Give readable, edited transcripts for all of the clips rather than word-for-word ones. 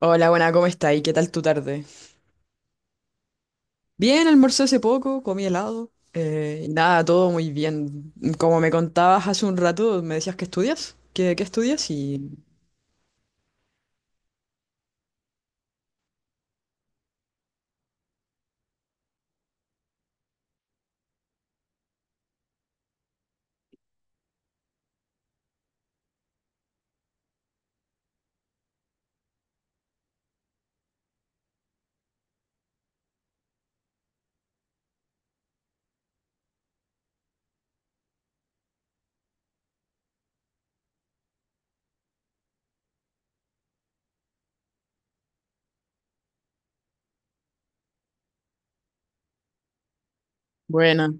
Hola, buena, ¿cómo está? ¿Y qué tal tu tarde? Bien, almorcé hace poco, comí helado. Nada, todo muy bien. Como me contabas hace un rato, me decías que estudias. ¿Qué estudias? Y... Buena.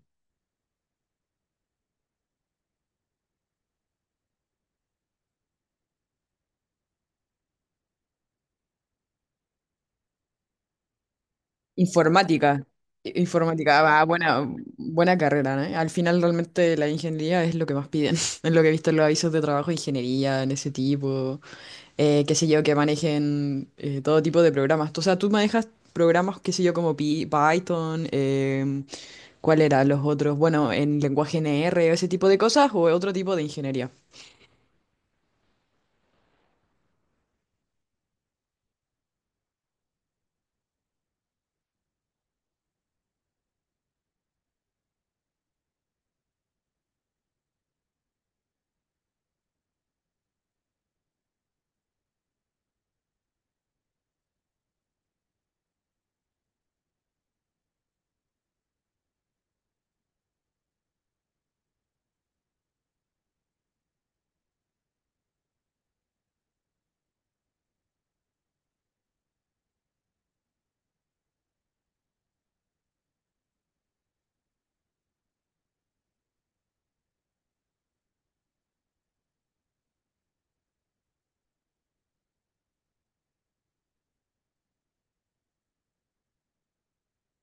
Informática. Informática, ah, buena, buena carrera, ¿no? Al final realmente la ingeniería es lo que más piden. Es lo que he visto en los avisos de trabajo, ingeniería, en ese tipo. Qué sé yo, que manejen todo tipo de programas. O sea, tú manejas programas, qué sé yo, como Python, ¿cuál era? Los otros, bueno, en lenguaje NR, ese tipo de cosas, o otro tipo de ingeniería.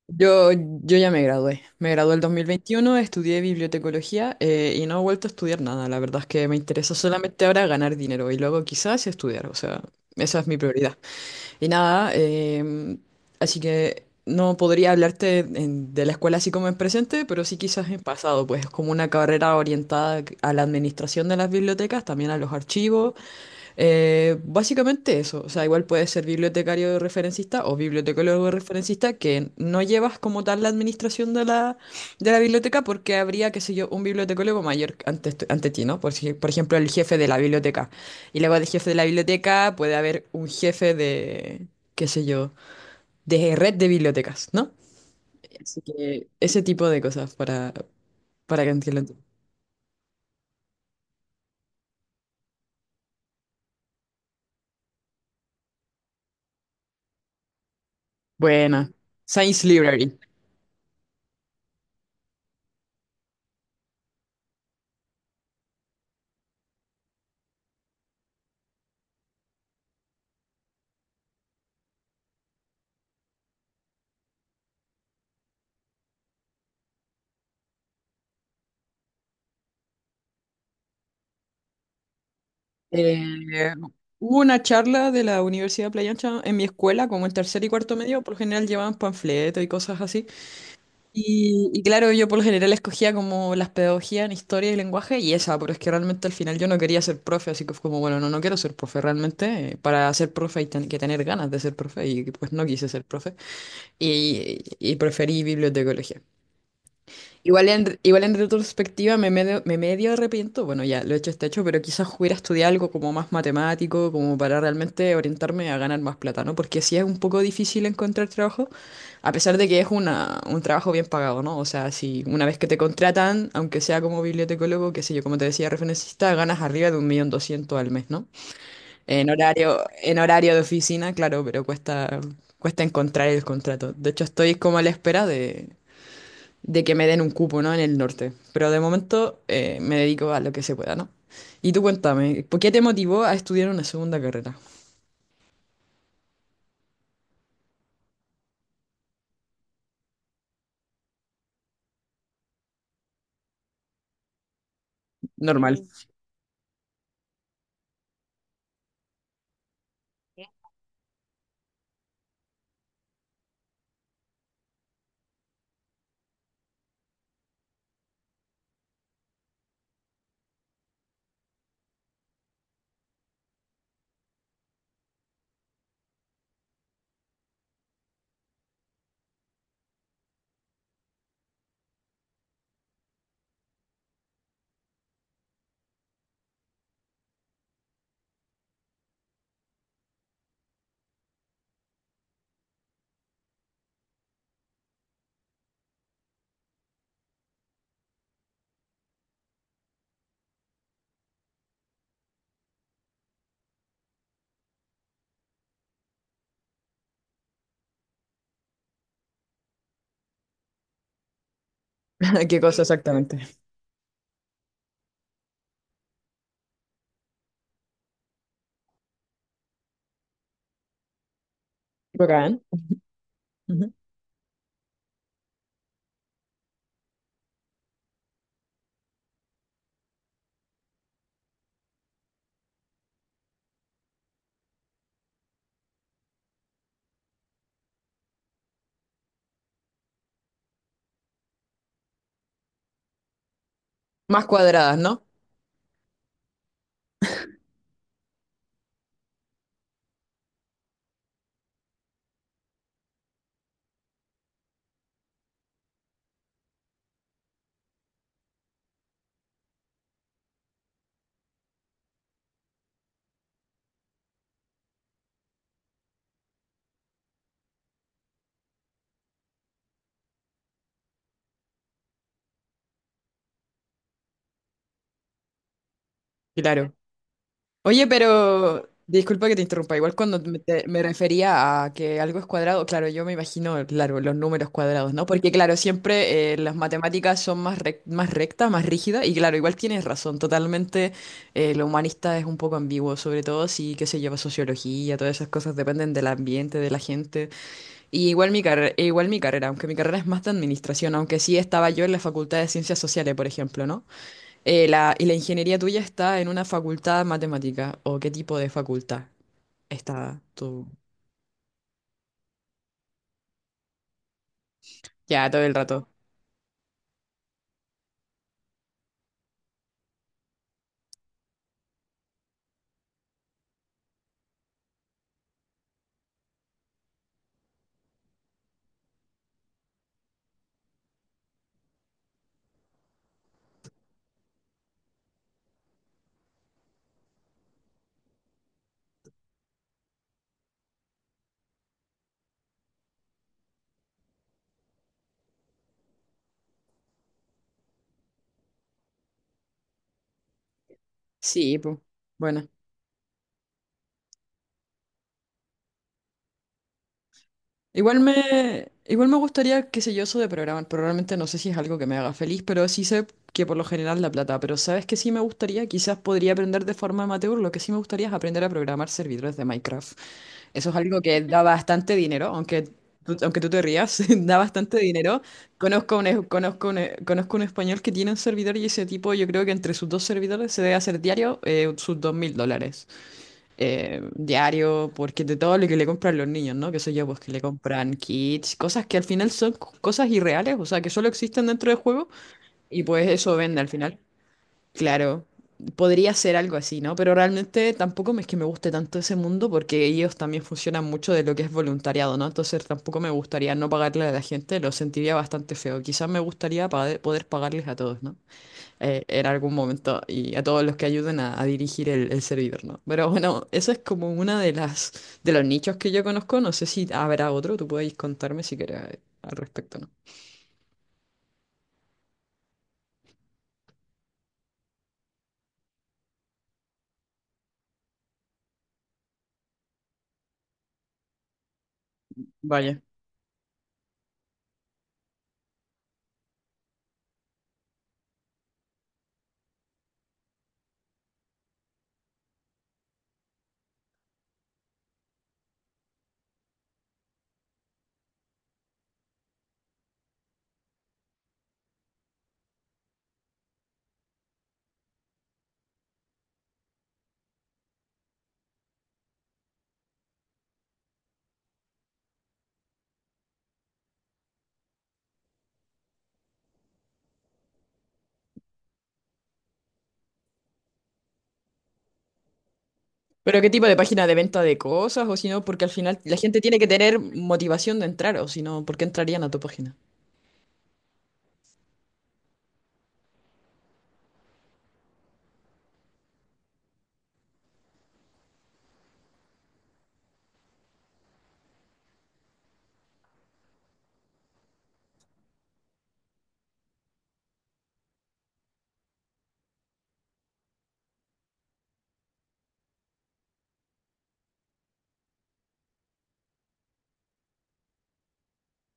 Yo ya me gradué. Me gradué el 2021, estudié bibliotecología y no he vuelto a estudiar nada. La verdad es que me interesa solamente ahora ganar dinero y luego quizás estudiar. O sea, esa es mi prioridad. Y nada, así que no podría hablarte de la escuela así como en presente, pero sí quizás en pasado, pues es como una carrera orientada a la administración de las bibliotecas, también a los archivos, básicamente eso. O sea, igual puedes ser bibliotecario referencista o bibliotecólogo referencista que no llevas como tal la administración de la biblioteca, porque habría, qué sé yo, un bibliotecólogo mayor ante, ante ti, ¿no? Por, si- por ejemplo, el jefe de la biblioteca. Y luego del jefe de la biblioteca puede haber un jefe de, qué sé yo, de red de bibliotecas, ¿no? Así que ese tipo de cosas para que entiendan. Buena. Science Library. Eh, hubo una charla de la Universidad de Playa Ancha en mi escuela, como en tercer y cuarto medio. Por lo general llevaban panfletos y cosas así. Y claro, yo por lo general escogía como las pedagogías en historia y lenguaje y esa, pero es que realmente al final yo no quería ser profe, así que fue como, bueno, no, no quiero ser profe realmente. Para ser profe hay que tener ganas de ser profe, y pues no quise ser profe y preferí bibliotecología. Igual en retrospectiva me medio arrepiento. Bueno, ya lo hecho está hecho, pero quizás hubiera estudiado algo como más matemático, como para realmente orientarme a ganar más plata, ¿no? Porque sí es un poco difícil encontrar trabajo, a pesar de que es un trabajo bien pagado, ¿no? O sea, si una vez que te contratan, aunque sea como bibliotecólogo, qué sé yo, como te decía, referencista, ganas arriba de 1.200.000 al mes, ¿no? En horario de oficina, claro, pero cuesta encontrar el contrato. De hecho, estoy como a la espera de que me den un cupo, ¿no? En el norte. Pero de momento me dedico a lo que se pueda, ¿no? Y tú cuéntame, ¿por qué te motivó a estudiar una segunda carrera? Normal. ¿Qué cosa sí, exactamente? Bacán. Ujú. Más cuadradas, ¿no? Claro. Oye, pero disculpa que te interrumpa. Igual cuando me, me refería a que algo es cuadrado, claro, yo me imagino, claro, los números cuadrados, ¿no? Porque claro, siempre las matemáticas son más rectas, más rígidas, y claro, igual tienes razón, totalmente. Lo humanista es un poco ambiguo, sobre todo si, qué se lleva sociología, todas esas cosas dependen del ambiente, de la gente. Y igual mi carrera, aunque mi carrera es más de administración, aunque sí estaba yo en la Facultad de Ciencias Sociales, por ejemplo, ¿no? ¿Y la ingeniería tuya está en una facultad de matemática? ¿O qué tipo de facultad está tú? Ya, todo el rato. Sí, pues. Bueno. Igual me gustaría, qué sé yo, eso de programar, pero realmente no sé si es algo que me haga feliz, pero sí sé que por lo general la plata. Pero ¿sabes qué sí me gustaría? Quizás podría aprender de forma amateur. Lo que sí me gustaría es aprender a programar servidores de Minecraft. Eso es algo que da bastante dinero, aunque tú te rías, da bastante dinero. Conozco un español que tiene un servidor, y ese tipo, yo creo que entre sus dos servidores se debe hacer diario sus $2.000. Diario, porque de todo lo que le compran los niños, ¿no? Que sé yo, pues que le compran kits, cosas que al final son cosas irreales, o sea, que solo existen dentro del juego, y pues eso vende al final. Claro, podría ser algo así, ¿no? Pero realmente tampoco es que me guste tanto ese mundo, porque ellos también funcionan mucho de lo que es voluntariado, ¿no? Entonces tampoco me gustaría no pagarle a la gente, lo sentiría bastante feo. Quizás me gustaría poder pagarles a todos, ¿no? En algún momento, y a todos los que ayuden a dirigir el servidor, ¿no? Pero bueno, eso es como una de las de los nichos que yo conozco. No sé si habrá otro, tú podéis contarme si quieres al respecto, ¿no? Vaya. Pero ¿qué tipo de página de venta de cosas? O si no, porque al final la gente tiene que tener motivación de entrar, o si no, ¿por qué entrarían a tu página?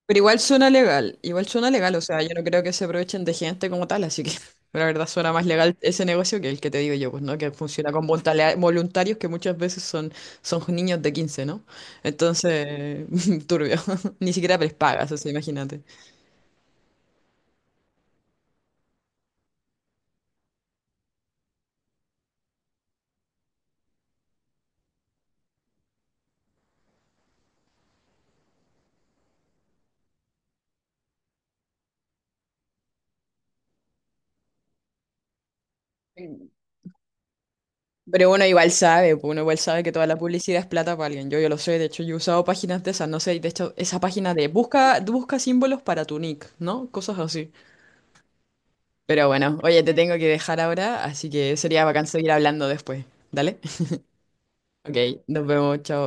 Pero igual suena legal, igual suena legal. O sea, yo no creo que se aprovechen de gente como tal, así que la verdad suena más legal ese negocio que el que te digo yo, pues, ¿no? Que funciona con voluntarios, que muchas veces son niños de 15, ¿no? Entonces, turbio, ni siquiera les pagas, o sea, imagínate. Pero uno igual sabe, pues, uno igual sabe que toda la publicidad es plata para alguien. Yo lo sé, de hecho yo he usado páginas de esas, no sé, y de hecho esa página de busca símbolos para tu nick, ¿no? Cosas así. Pero bueno, oye, te tengo que dejar ahora, así que sería bacán seguir hablando después. ¿Dale? Ok, nos vemos, chao.